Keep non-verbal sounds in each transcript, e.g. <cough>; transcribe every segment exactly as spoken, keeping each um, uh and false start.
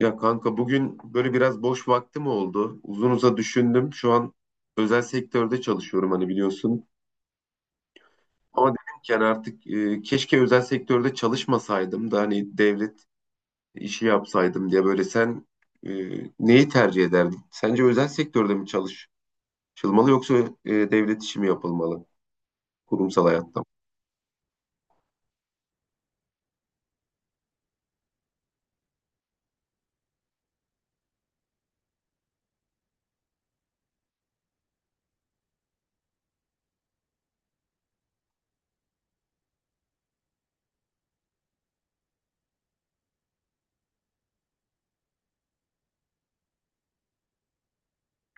Ya kanka bugün böyle biraz boş vaktim oldu. Uzun uza düşündüm. Şu an özel sektörde çalışıyorum hani biliyorsun. Ama dedim ki hani artık e, keşke özel sektörde çalışmasaydım da hani devlet işi yapsaydım diye böyle sen e, neyi tercih ederdin? Sence özel sektörde mi çalışılmalı yoksa e, devlet işi mi yapılmalı kurumsal hayatta?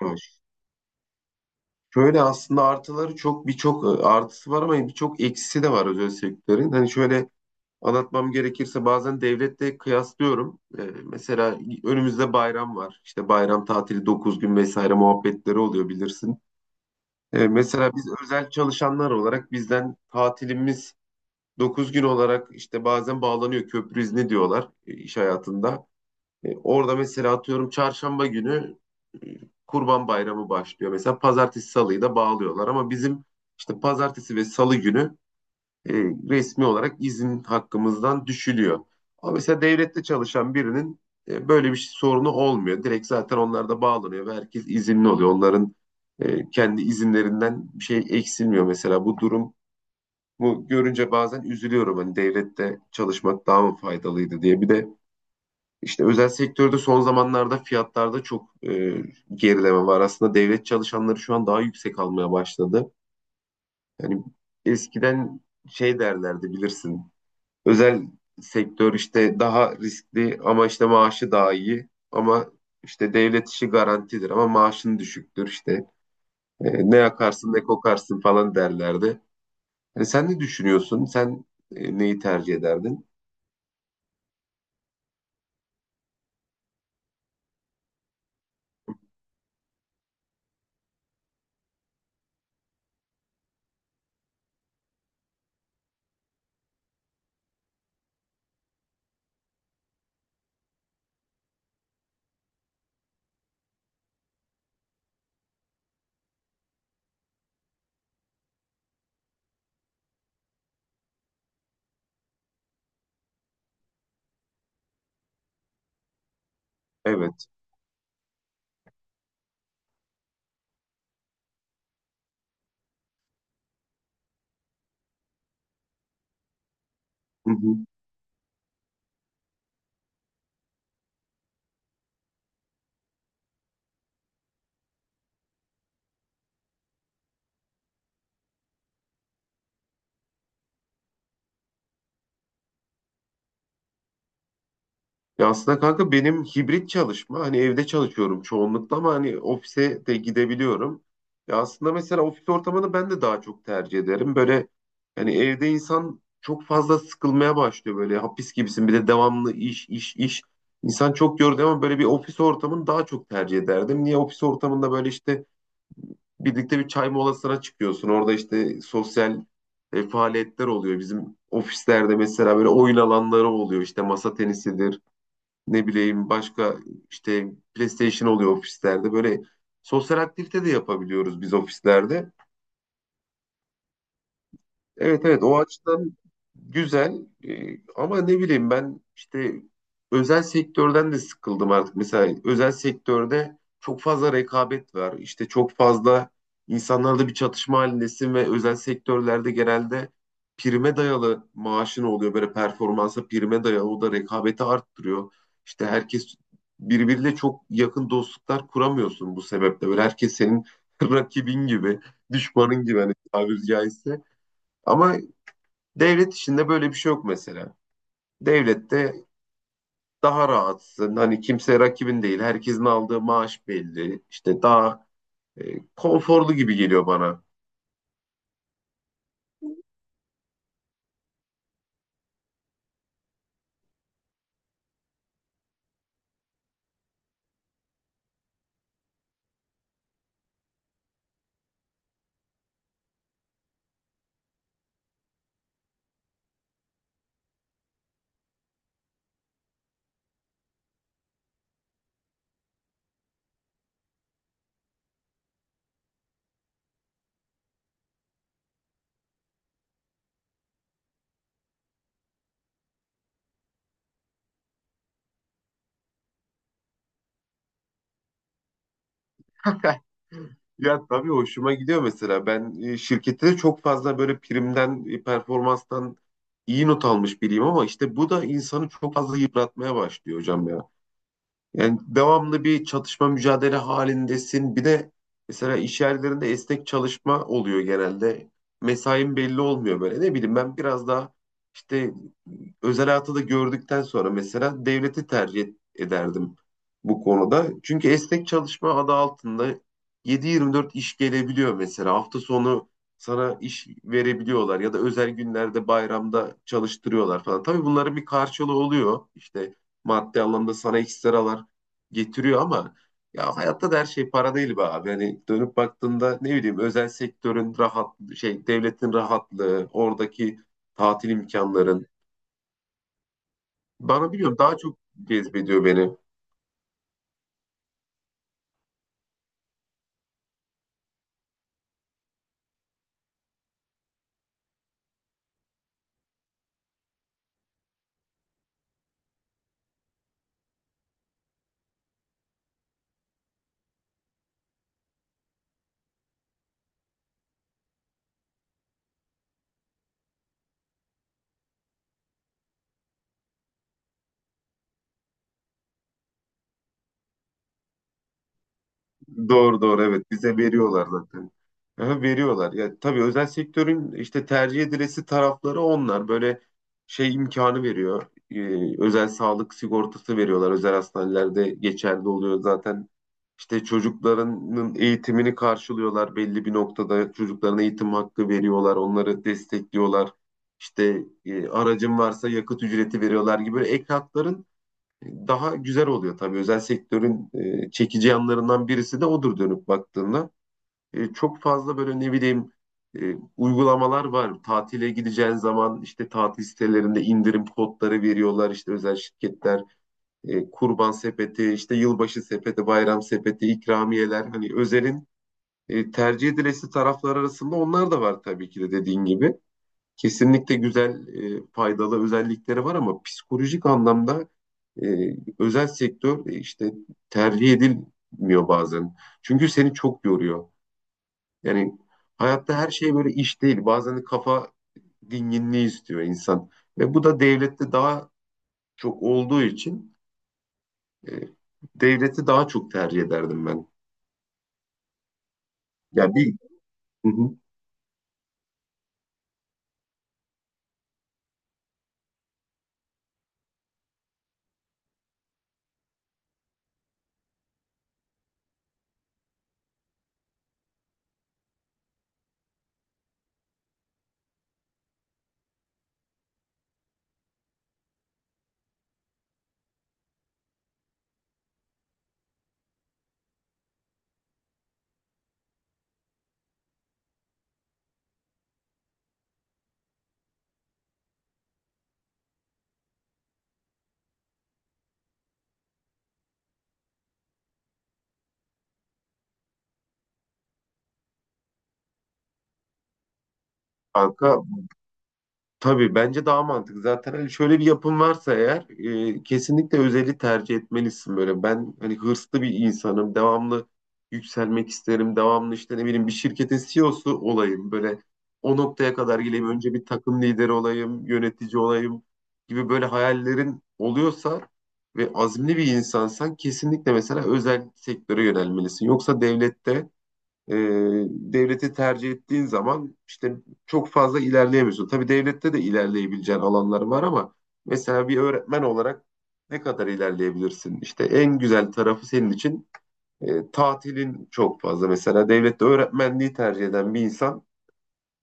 Evet. Şöyle aslında artıları çok birçok e, artısı var ama birçok eksisi de var özel sektörün. Hani şöyle Anlatmam gerekirse bazen devletle kıyaslıyorum. Ee, mesela önümüzde bayram var. İşte bayram tatili dokuz gün vesaire muhabbetleri oluyor bilirsin. Ee, mesela biz özel çalışanlar olarak bizden tatilimiz dokuz gün olarak işte bazen bağlanıyor köprü izni diyorlar e, iş hayatında. E, orada mesela atıyorum çarşamba günü e, Kurban Bayramı başlıyor. Mesela pazartesi salıyı da bağlıyorlar ama bizim işte pazartesi ve salı günü e, resmi olarak izin hakkımızdan düşülüyor. Ama mesela devlette çalışan birinin e, böyle bir şey- sorunu olmuyor. Direkt zaten onlar da bağlanıyor ve herkes izinli oluyor. Onların e, kendi izinlerinden bir şey eksilmiyor mesela. Bu durum bu görünce bazen üzülüyorum. Hani devlette çalışmak daha mı faydalıydı diye. Bir de işte özel sektörde son zamanlarda fiyatlarda çok e, gerileme var. Aslında devlet çalışanları şu an daha yüksek almaya başladı. Yani eskiden şey derlerdi, bilirsin, Özel sektör işte daha riskli ama işte maaşı daha iyi. Ama işte devlet işi garantidir ama maaşın düşüktür işte. E, ne yakarsın ne kokarsın falan derlerdi. E, sen ne düşünüyorsun? Sen e, neyi tercih ederdin? Evet. Ya aslında kanka benim hibrit çalışma, hani evde çalışıyorum çoğunlukla ama hani ofise de gidebiliyorum. Ya aslında mesela ofis ortamını ben de daha çok tercih ederim. Böyle hani evde insan çok fazla sıkılmaya başlıyor, böyle hapis gibisin, bir de devamlı iş iş iş. İnsan çok yordu ama böyle bir ofis ortamını daha çok tercih ederdim. Niye? Ofis ortamında böyle işte birlikte bir çay molasına çıkıyorsun. Orada işte sosyal e, faaliyetler oluyor. Bizim ofislerde mesela böyle oyun alanları oluyor. İşte masa tenisidir, ne bileyim, başka işte PlayStation oluyor ofislerde. Böyle sosyal aktivite de yapabiliyoruz biz ofislerde. Evet, evet, o açıdan güzel. Ee, ama ne bileyim ben işte özel sektörden de sıkıldım artık. Mesela özel sektörde çok fazla rekabet var. İşte çok fazla insanlarla bir çatışma halindesin ve özel sektörlerde genelde prime dayalı maaşın oluyor. Böyle performansa prime dayalı, o da rekabeti arttırıyor. İşte herkes birbiriyle çok yakın dostluklar kuramıyorsun bu sebeple. Böyle herkes senin <laughs> rakibin gibi, düşmanın gibi, hani tabiri caizse. Ama devlet işinde böyle bir şey yok mesela. Devlette daha rahatsın. Hani kimse rakibin değil. Herkesin aldığı maaş belli. İşte daha e, konforlu gibi geliyor bana. <laughs> Ya tabii hoşuma gidiyor mesela. Ben e, şirkette de çok fazla böyle primden, e, performanstan iyi not almış biriyim ama işte bu da insanı çok fazla yıpratmaya başlıyor hocam ya. Yani devamlı bir çatışma mücadele halindesin. Bir de mesela iş yerlerinde esnek çalışma oluyor genelde. Mesain belli olmuyor böyle. Ne bileyim, ben biraz daha işte özel hayatı da gördükten sonra mesela devleti tercih et- ederdim bu konuda. Çünkü esnek çalışma adı altında yedi yirmi dört iş gelebiliyor mesela. Hafta sonu sana iş verebiliyorlar ya da özel günlerde, bayramda çalıştırıyorlar falan. Tabii bunların bir karşılığı oluyor. İşte maddi anlamda sana ekstralar getiriyor ama ya hayatta da her şey para değil be abi. Hani dönüp baktığında, ne bileyim, özel sektörün rahat şey, devletin rahatlığı, oradaki tatil imkanların bana, biliyorum, daha çok cezbediyor beni. Doğru, doğru, evet, bize veriyorlar zaten. Aha, veriyorlar. Ya tabii özel sektörün işte tercih edilesi tarafları onlar. Böyle şey imkanı veriyor. Ee, özel sağlık sigortası veriyorlar. Özel hastanelerde geçerli oluyor zaten. İşte çocuklarının eğitimini karşılıyorlar belli bir noktada. Çocuklarına eğitim hakkı veriyorlar. Onları destekliyorlar. İşte e, aracın varsa yakıt ücreti veriyorlar gibi, böyle ek hakların daha güzel oluyor tabii. Özel sektörün e, çekici yanlarından birisi de odur dönüp baktığında. E, çok fazla böyle, ne bileyim, e, uygulamalar var. Tatile gideceğin zaman işte tatil sitelerinde indirim kodları veriyorlar. İşte özel şirketler e, kurban sepeti, işte yılbaşı sepeti, bayram sepeti, ikramiyeler, hani özelin e, tercih edilesi taraflar arasında onlar da var tabii ki de, dediğin gibi. Kesinlikle güzel, e, faydalı özellikleri var ama psikolojik anlamda e, özel sektör e, işte tercih edilmiyor bazen. Çünkü seni çok yoruyor. Yani hayatta her şey böyle iş değil. Bazen de kafa dinginliği istiyor insan. Ve bu da devlette daha çok olduğu için e, devleti daha çok tercih ederdim ben. Ya bir hı hı, banka Tabii bence daha mantıklı. Zaten hani şöyle bir yapım varsa eğer e, kesinlikle özeli tercih etmelisin böyle. Ben hani hırslı bir insanım. Devamlı yükselmek isterim. Devamlı işte, ne bileyim, bir şirketin C E O'su olayım. Böyle o noktaya kadar geleyim. Önce bir takım lideri olayım, yönetici olayım gibi böyle hayallerin oluyorsa ve azimli bir insansan, kesinlikle mesela özel sektöre yönelmelisin. Yoksa devlette e, devleti tercih ettiğin zaman işte çok fazla ilerleyemiyorsun. Tabii devlette de ilerleyebileceğin alanlar var ama mesela bir öğretmen olarak ne kadar ilerleyebilirsin? İşte en güzel tarafı senin için e, tatilin çok fazla. Mesela devlette öğretmenliği tercih eden bir insan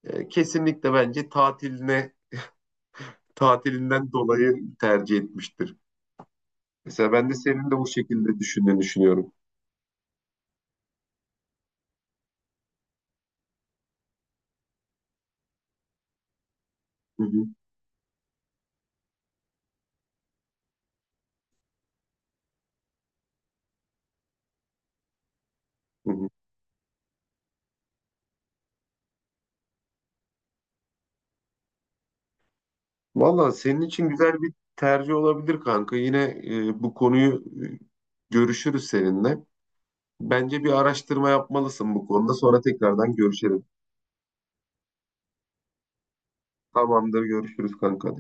e, kesinlikle bence tatiline tatilinden dolayı tercih etmiştir. Mesela ben de senin de bu şekilde düşündüğünü düşünüyorum. Hı hı, hı hı. Valla senin için güzel bir tercih olabilir kanka. Yine e, bu konuyu e, görüşürüz seninle. Bence bir araştırma yapmalısın bu konuda. Sonra tekrardan görüşelim. Tamamdır, görüşürüz kanka.